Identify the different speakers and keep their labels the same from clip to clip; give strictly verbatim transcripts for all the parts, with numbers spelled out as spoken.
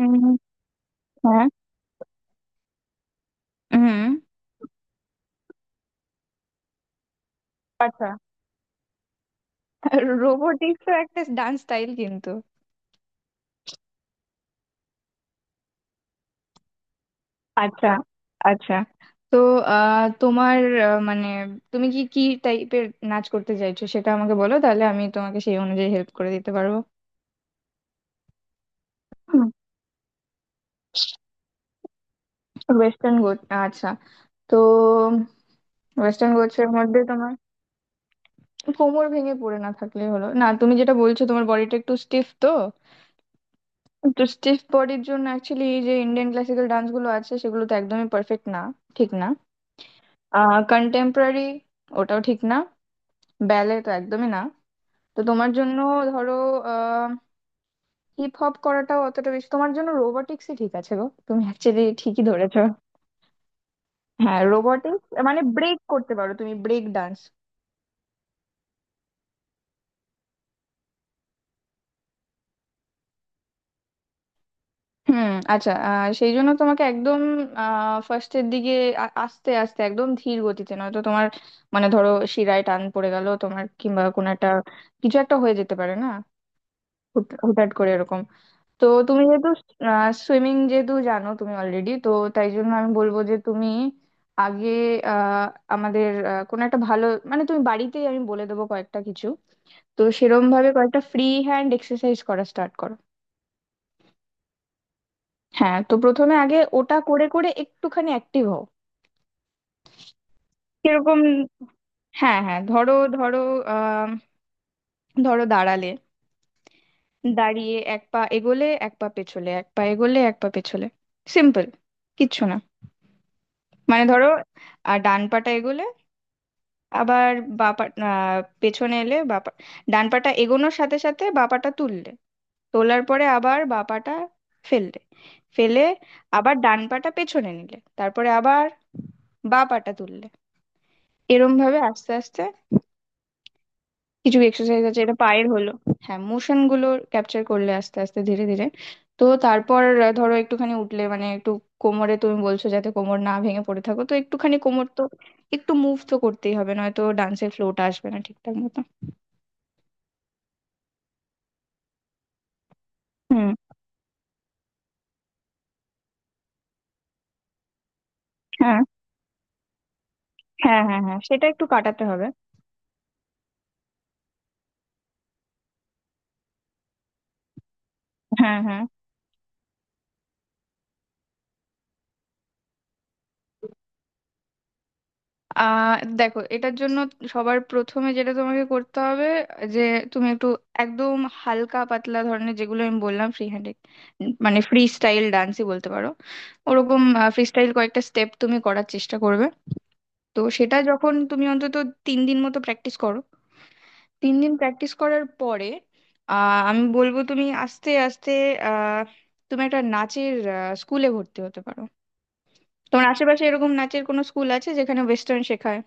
Speaker 1: উম, হ্যাঁ। হুম। আচ্ছা, রোবোটিক্স একটা ডান্স স্টাইল কিন্তু। আচ্ছা আচ্ছা। তো আহ, তোমার আহ, মানে তুমি কি কি টাইপের নাচ করতে চাইছো সেটা আমাকে বলো, তাহলে আমি তোমাকে সেই অনুযায়ী হেল্প করে দিতে পারবো। ওয়েস্টার্ন গোছ। আচ্ছা। তো ওয়েস্টার্ন গোছের মধ্যে তোমার কোমর ভেঙে পড়ে না থাকলে হলো না, তুমি যেটা বলছো তোমার বডিটা একটু স্টিফ তো তো স্টিফ বডির জন্য অ্যাকচুয়ালি এই যে ইন্ডিয়ান ক্লাসিক্যাল ডান্স গুলো আছে সেগুলো তো একদমই পারফেক্ট না, ঠিক না। আহ কন্টেম্পোরারি, ওটাও ঠিক না। ব্যালে তো একদমই না। তো তোমার জন্য, ধরো আহ হিপ হপ করাটাও অতটা বেশি তোমার জন্য। রোবোটিক্সই ঠিক আছে গো, তুমি অ্যাকচুয়ালি ঠিকই ধরেছো। হ্যাঁ, রোবোটিক্স মানে ব্রেক করতে পারো তুমি, ব্রেক ডান্স। হুম। আচ্ছা, আহ, সেই জন্য তোমাকে একদম ফার্স্টের দিকে আ- আস্তে আস্তে একদম ধীর গতিতে, নয়তো তোমার মানে ধরো শিরায় টান পড়ে গেল তোমার, কিংবা কোনো একটা কিছু একটা হয়ে যেতে পারে না, হুট- হুটহাট করে এরকম। তো তুমি যেহেতু সুইমিং যেহেতু জানো তুমি অলরেডি তো, তাই জন্য আমি বলবো যে তুমি আগে আহ, আমাদের আহ, কোনো একটা ভালো, মানে তুমি বাড়িতেই আমি বলে দেবো কয়েকটা কিছু। তো সেরম ভাবে কয়েকটা ফ্রি হ্যান্ড এক্সারসাইজ করা স্টার্ট করো। হ্যাঁ, তো প্রথমে আগে ওটা করে করে একটুখানি অ্যাক্টিভ হও। কিরকম? হ্যাঁ হ্যাঁ, ধরো ধরো আহ ধরো দাঁড়ালে, দাঁড়িয়ে এক পা এগোলে এক পা পেছলে এক পা এগোলে এক পা পেছলে। সিম্পল, কিচ্ছু না। মানে ধরো, আর ডান পাটা এগোলে, আবার বা পা আহ, পেছনে এলে বা পা- ডান পাটা এগোনোর সাথে সাথে বা পাটা তুললে, তোলার পরে আবার বা পাটা ফেললে, ফেলে আবার ডান পাটা পেছনে নিলে তারপরে আবার বা পাটা তুললে, এরম ভাবে আস্তে আস্তে। কিছু এক্সারসাইজ আছে, এটা পায়ের হলো। হ্যাঁ মোশন গুলো ক্যাপচার করলে আস্তে আস্তে ধীরে ধীরে। তো তারপর আহ, ধরো একটুখানি উঠলে, মানে একটু কোমরে তুমি বলছো যাতে কোমর না ভেঙে পড়ে থাকো, তো একটুখানি কোমর তো একটু মুভ তো করতেই হবে, নয়তো ডান্সের ফ্লোটা আসবে না ঠিকঠাক মতো। হুম। হ্যাঁ হ্যাঁ হ্যাঁ, হ্যাঁ সেটা একটু কাটাতে হবে। হ্যাঁ হ্যাঁ, আহ দেখো এটার জন্য সবার প্রথমে যেটা তোমাকে করতে হবে, যে তুমি একটু একদম হালকা পাতলা ধরনের, যেগুলো আমি বললাম ফ্রি হ্যান্ড, মানে ফ্রি স্টাইল ডান্সই বলতে পারো, ওরকম ফ্রি স্টাইল কয়েকটা স্টেপ তুমি করার চেষ্টা করবে। তো সেটা যখন তুমি অন্তত তিন দিন মতো প্র্যাকটিস করো, তিন দিন প্র্যাকটিস করার পরে আহ আমি বলবো তুমি আস্তে আস্তে আহ তুমি একটা নাচের স্কুলে ভর্তি হতে পারো। তোমার আশেপাশে এরকম নাচের কোনো স্কুল আছে যেখানে ওয়েস্টার্ন শেখায়?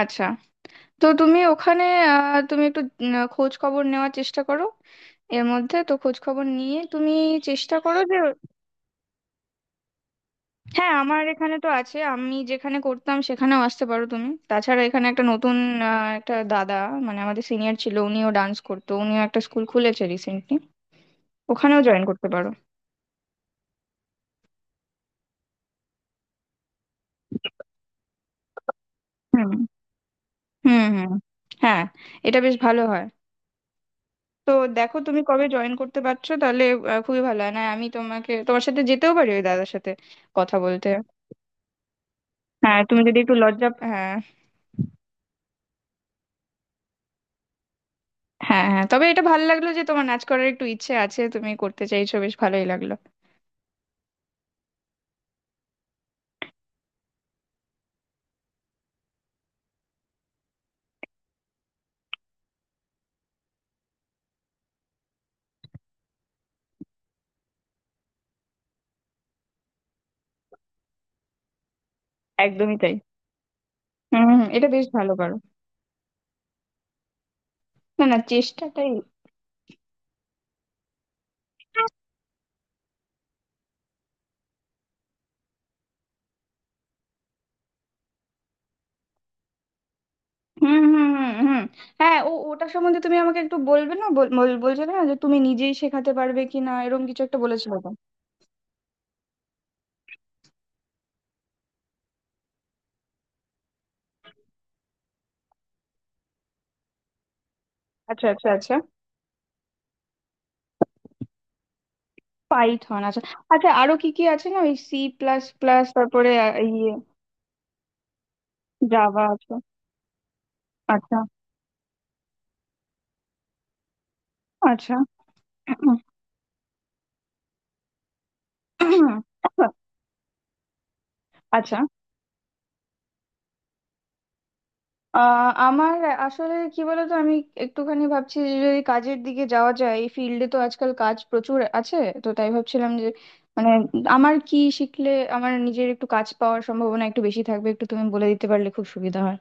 Speaker 1: আচ্ছা, তো তুমি ওখানে আহ, তুমি একটু উম, খোঁজ খবর নেওয়ার চেষ্টা করো। এর মধ্যে তো খোঁজ খবর নিয়ে তুমি চেষ্টা করো যে। হ্যাঁ আমার এখানে তো আছে, আমি যেখানে করতাম সেখানেও আসতে পারো তুমি, তাছাড়া এখানে একটা নতুন আহ, একটা দাদা, মানে আমাদের সিনিয়র ছিল, উনিও ডান্স করতো, উনিও একটা স্কুল খুলেছে রিসেন্টলি। ওখানেও জয়েন করতে পারো। হুম হুম হুম। হ্যাঁ এটা বেশ ভালো হয়। তো দেখো তুমি কবে জয়েন করতে পারছো, তাহলে আহ, খুবই ভালো হয় না, আমি তোমাকে তোমার সাথে যেতেও পারি ওই দাদার সাথে কথা বলতে। হ্যাঁ তুমি যদি একটু লজ্জা, হ্যাঁ। হ্যাঁ হ্যাঁ, তবে এটা ভালো লাগলো যে তোমার নাচ করার একটু ইচ্ছে আছে, তুমি করতে চাইছো, বেশ ভালোই লাগলো। একদমই তাই। হুম হুম, এটা বেশ ভালো করো। না না, চেষ্টাটাই। হুম হুম হুম হুম। হ্যাঁ, ও ওটা সম্বন্ধে তুমি আমাকে একটু বলবে না? বল- বল- বলছিলে না যে তুমি নিজেই শেখাতে পারবে কিনা, এরকম কিছু একটা বলেছিল তো। আচ্ছা আচ্ছা আচ্ছা। পাইথন আছে। আচ্ছা, আরো কি কি আছে? না, ওই সি প্লাস প্লাস, তারপরে আ, ইয়ে। জাভা আছে। আচ্ছা আচ্ছা। আচ্ছা, আহ, আমার আসলে কি বলতো, আমি একটুখানি ভাবছি যে যদি কাজের দিকে যাওয়া যায় এই ফিল্ডে, তো আজকাল কাজ প্রচুর আছে, তো তাই ভাবছিলাম যে মানে আমার কি শিখলে আমার নিজের একটু কাজ পাওয়ার সম্ভাবনা একটু বেশি থাকবে, একটু তুমি বলে দিতে পারলে খুব সুবিধা হয়।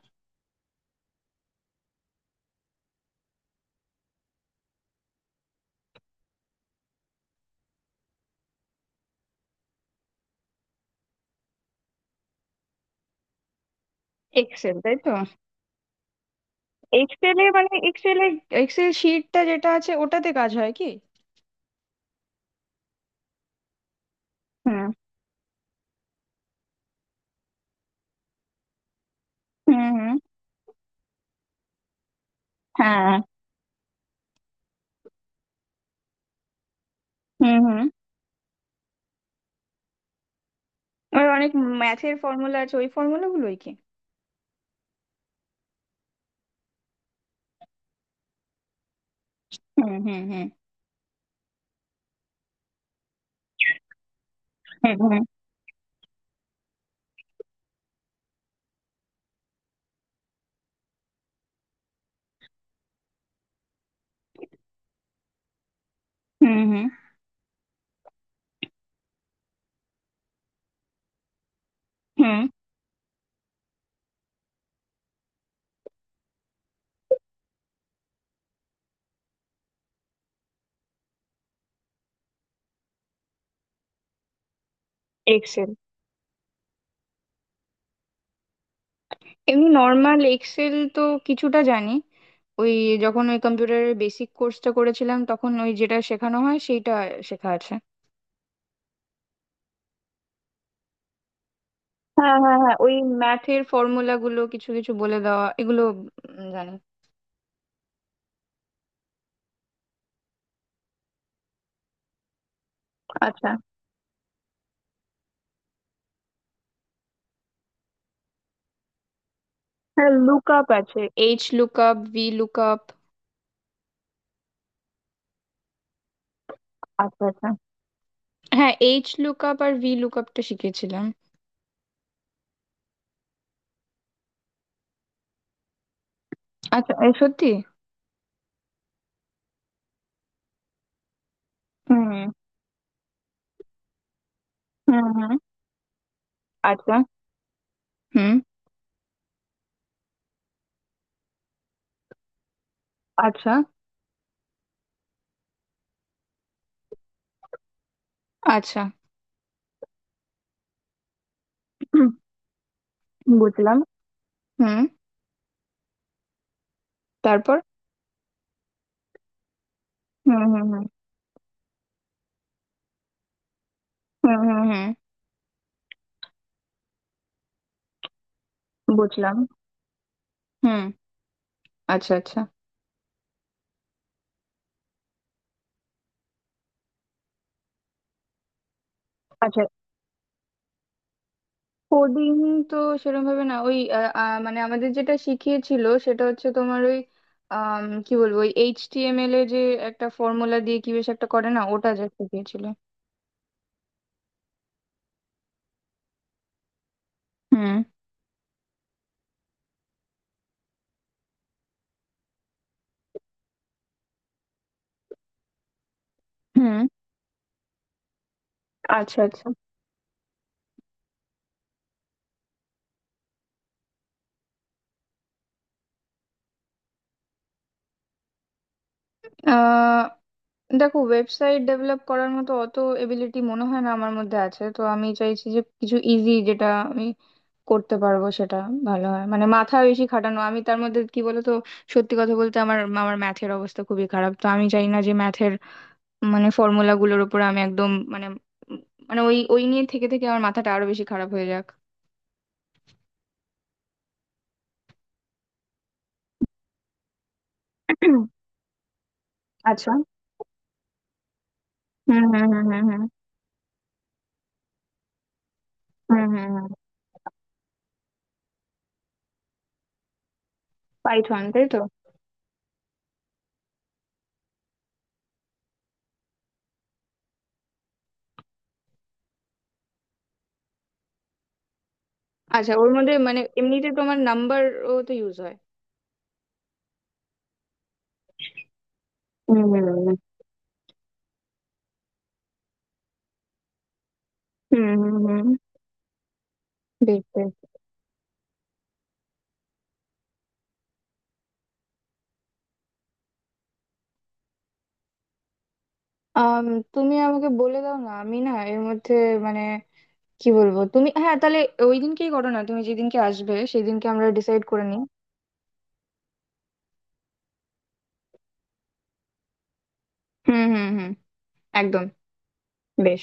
Speaker 1: এক্সেল, তাই তো। এক্সেলে মানে এক্সেলে এক্সেল শিটটা যেটা আছে, ওটাতে কাজ হয় কি? হুম হুম। হ্যাঁ। হুম হুম। ওর অনেক ম্যাথের ফর্মুলা আছে, ওই ফর্মুলা গুলোই কি? হুম হুম হুম হুম হুম হুম হুম হুম। এক্সেল। এমনি নর্মাল এক্সেল তো কিছুটা জানি। ওই যখন ওই কম্পিউটারের বেসিক কোর্সটা করেছিলাম, তখন ওই যেটা শেখানো হয় সেইটা শেখা আছে। হ্যাঁ হ্যাঁ হ্যাঁ, ওই ম্যাথের ফর্মুলা গুলো কিছু কিছু বলে দেওয়া, এগুলো উম, জানি। আচ্ছা। হ্যাঁ লুক আপ আছে, H look up, V look up. আচ্ছা আচ্ছা। হ্যাঁ এইচ লুক আপ আর ভি লুক আপটা শিখেছিলাম। আচ্ছা, এ সত্যি? হুম হুম হুম। আচ্ছা। হুম। আচ্ছা আচ্ছা। হুম, বুঝলাম। হুম। তারপর? হুম হুম হুম হুম হুম হুম। বুঝলাম। হুম। আচ্ছা আচ্ছা আচ্ছা। কোডিং? তো সেরকম ভাবে না। ওই আহ, আহ, মানে আমাদের যেটা শিখিয়েছিল সেটা হচ্ছে তোমার ওই আম, কি বলবো, ওই এইচটিএমএল এ যে একটা ফর্মুলা দিয়ে কি বেশ একটা করে না ওটা, যা শিখিয়েছিল। হুম হুম। আচ্ছা আচ্ছা। দেখো ওয়েবসাইট ডেভেলপ করার মতো অত এবিলিটি মনে হয় না আমার মধ্যে আছে, তো আমি চাইছি যে কিছু ইজি, যেটা আমি করতে পারবো সেটা ভালো হয়। মানে মাথা বেশি খাটানো আমি তার মধ্যে, কি বলতো, সত্যি কথা বলতে আমার আমার ম্যাথের অবস্থা খুবই খারাপ, তো আমি চাই না যে ম্যাথের মানে ফর্মুলা গুলোর উপর আমি একদম মানে উম, মানে ওই ওই নিয়ে থেকে থেকে আমার মাথাটা আরো বেশি খারাপ হয়ে যাক। আচ্ছা। হুম হুম হুম হুম হুম হুম হুম হুম। পাইথন, তাই তো? আচ্ছা, ওর মধ্যে মানে এমনিতে তোমার নাম্বার ও তো ইউজ হয়। হুম হুম হুম। বেশ বেশ। আম, তুমি আমাকে বলে দাও না, আমি না এর মধ্যে মানে কি বলবো, তুমি হ্যাঁ তাহলে ওই দিনকেই করো না, তুমি যেদিনকে আসবে সেদিনকে আমরা ডিসাইড করে নিই। হুম হুম হুম। একদম। বেশ।